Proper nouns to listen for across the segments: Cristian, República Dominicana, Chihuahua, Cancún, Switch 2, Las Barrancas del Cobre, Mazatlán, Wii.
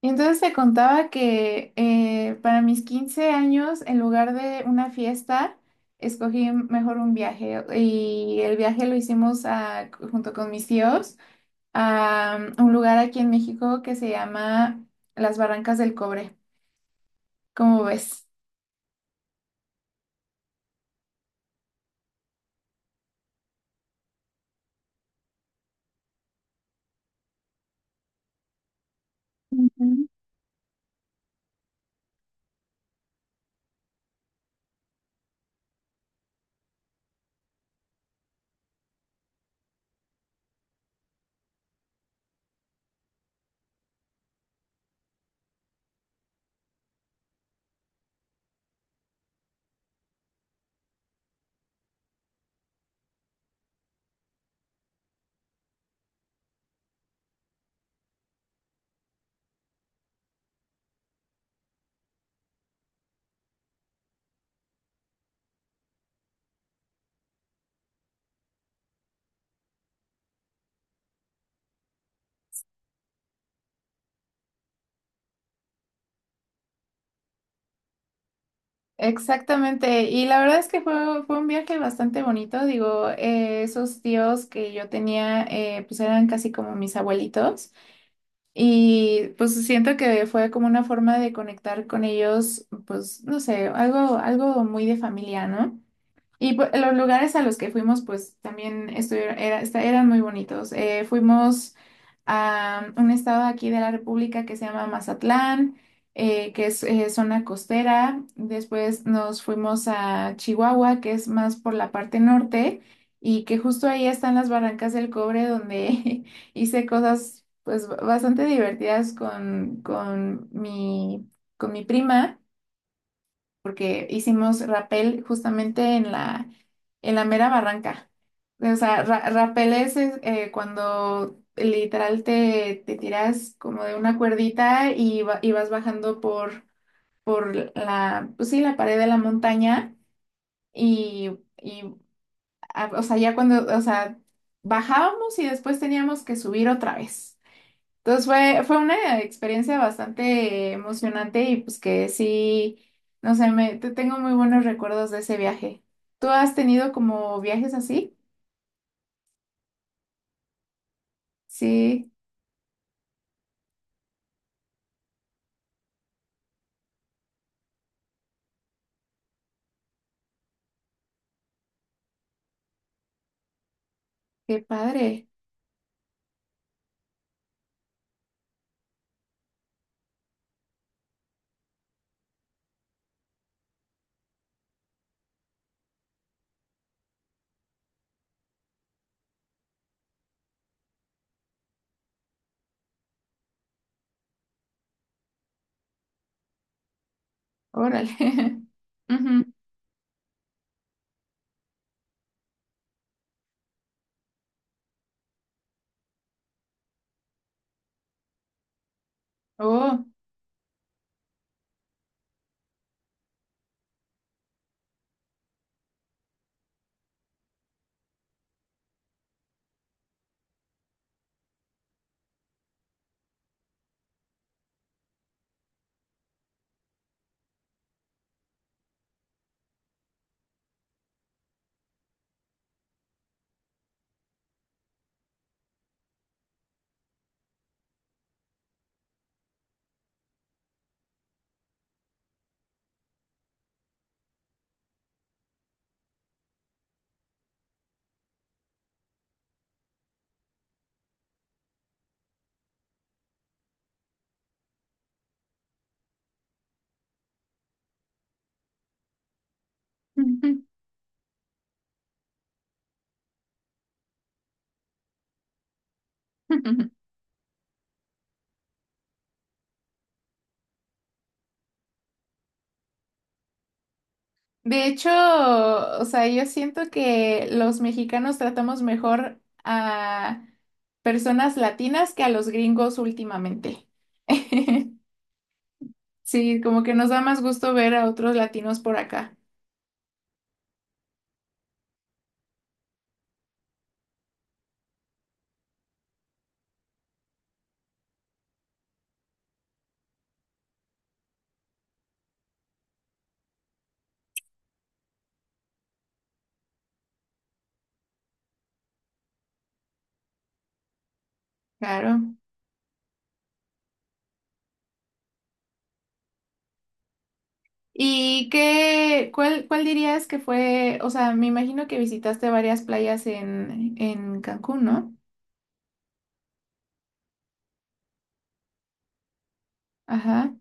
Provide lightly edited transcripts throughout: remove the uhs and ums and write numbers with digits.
Y entonces te contaba que para mis 15 años, en lugar de una fiesta, escogí mejor un viaje. Y el viaje lo hicimos junto con mis tíos a un lugar aquí en México que se llama Las Barrancas del Cobre. ¿Cómo ves? Ujú. Exactamente, y la verdad es que fue un viaje bastante bonito, digo, esos tíos que yo tenía, pues eran casi como mis abuelitos. Y pues siento que fue como una forma de conectar con ellos, pues no sé, algo muy de familia, ¿no? Y pues, los lugares a los que fuimos, pues también estuvieron, eran muy bonitos. Fuimos a un estado aquí de la República que se llama Mazatlán, que es zona costera. Después nos fuimos a Chihuahua, que es más por la parte norte, y que justo ahí están las Barrancas del Cobre, donde hice cosas pues bastante divertidas con mi prima porque hicimos rappel justamente en la mera barranca. O sea, rappel es cuando literal te tiras como de una cuerdita y, y vas bajando por la, pues sí, la pared de la montaña y, y, ah, o sea, ya cuando, o sea, bajábamos y después teníamos que subir otra vez. Entonces fue una experiencia bastante emocionante y pues que sí, no sé, me, tengo muy buenos recuerdos de ese viaje. ¿Tú has tenido como viajes así? Sí, qué padre. Órale. Ujú. Oh. De hecho, o sea, yo siento que los mexicanos tratamos mejor a personas latinas que a los gringos últimamente. Sí, como que nos da más gusto ver a otros latinos por acá. Claro. ¿Y qué, cuál, cuál dirías que fue, o sea, me imagino que visitaste varias playas en Cancún, ¿no? Ajá.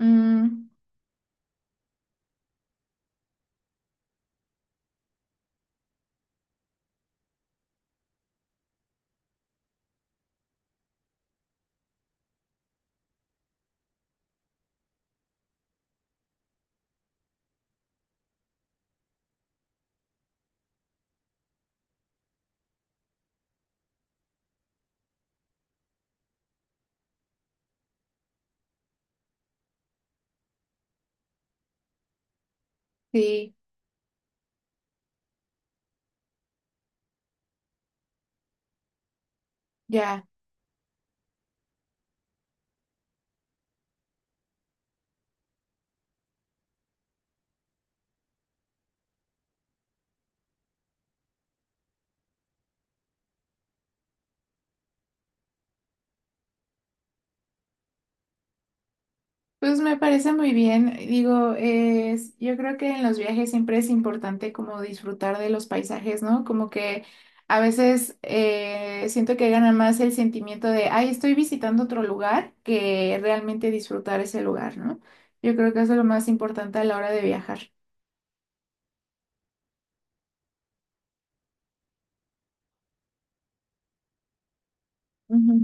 Mm, sí, ya. Pues me parece muy bien. Digo, es, yo creo que en los viajes siempre es importante como disfrutar de los paisajes, ¿no? Como que a veces siento que gana más el sentimiento de, ay, estoy visitando otro lugar que realmente disfrutar ese lugar, ¿no? Yo creo que eso es lo más importante a la hora de viajar. Ujú.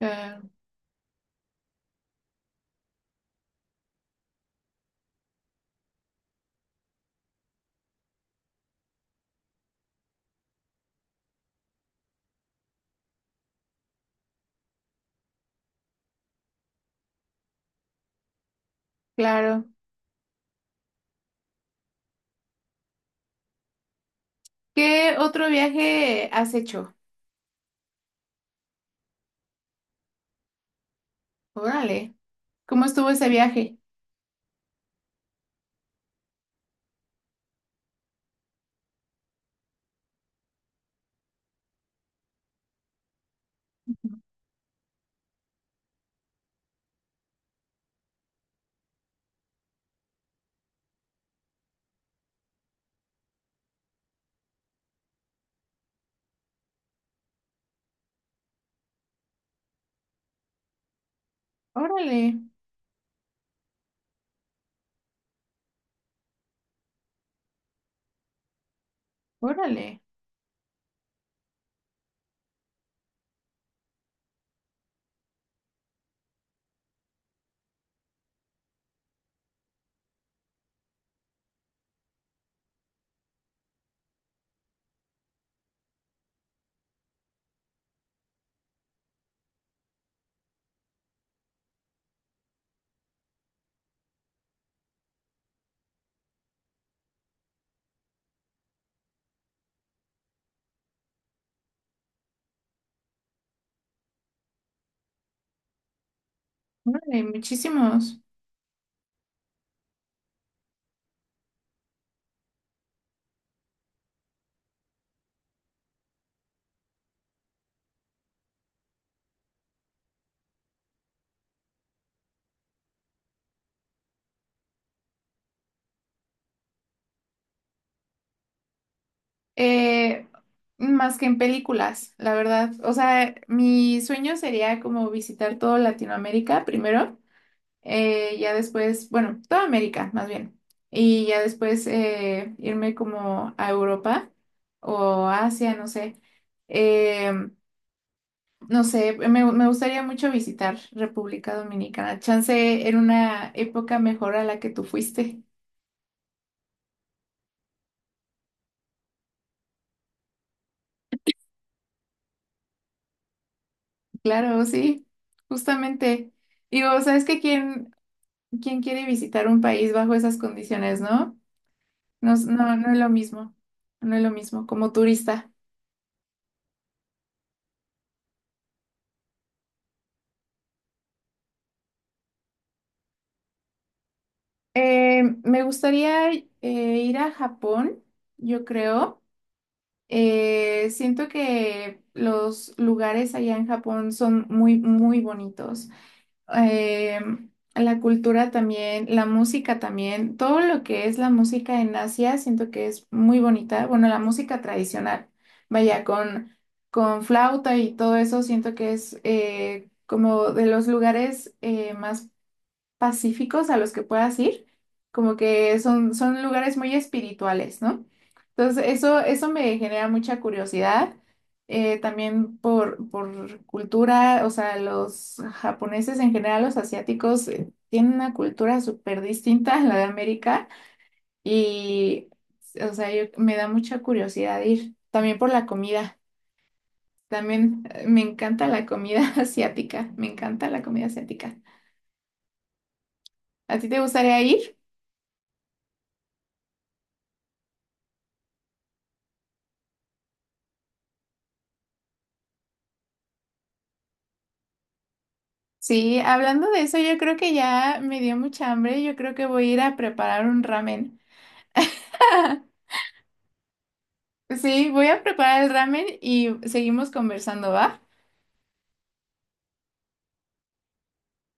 Ah, claro. ¿Qué otro viaje has hecho? Órale. ¿Cómo estuvo ese viaje? Órale, órale, órale, muchísimos. Eh, más que en películas, la verdad. O sea, mi sueño sería como visitar todo Latinoamérica primero, ya después, bueno, toda América más bien, y ya después irme como a Europa o Asia, no sé. Em, No sé, me gustaría mucho visitar República Dominicana. Chance en una época mejor a la que tú fuiste. Claro, sí, justamente. Digo, ¿sabes que quién, quién quiere visitar un país bajo esas condiciones, no? No, no, no es lo mismo. No es lo mismo, como turista. Me gustaría ir a Japón, yo creo. Siento que los lugares allá en Japón son muy, muy bonitos. eh, la cultura también, la música también, todo lo que es la música en Asia, siento que es muy bonita. Bueno, la música tradicional, vaya, con flauta y todo eso, siento que es como de los lugares más pacíficos a los que puedas ir, como que son, son lugares muy espirituales, ¿no? Entonces, eso me genera mucha curiosidad, también por cultura, o sea, los japoneses en general, los asiáticos, tienen una cultura súper distinta a la de América y, o sea, me da mucha curiosidad ir, también por la comida. También me encanta la comida asiática, me encanta la comida asiática. ¿A ti te gustaría ir? Sí, hablando de eso, yo creo que ya me dio mucha hambre. Yo creo que voy a ir a preparar un ramen. Sí, voy a preparar el ramen y seguimos conversando, ¿va?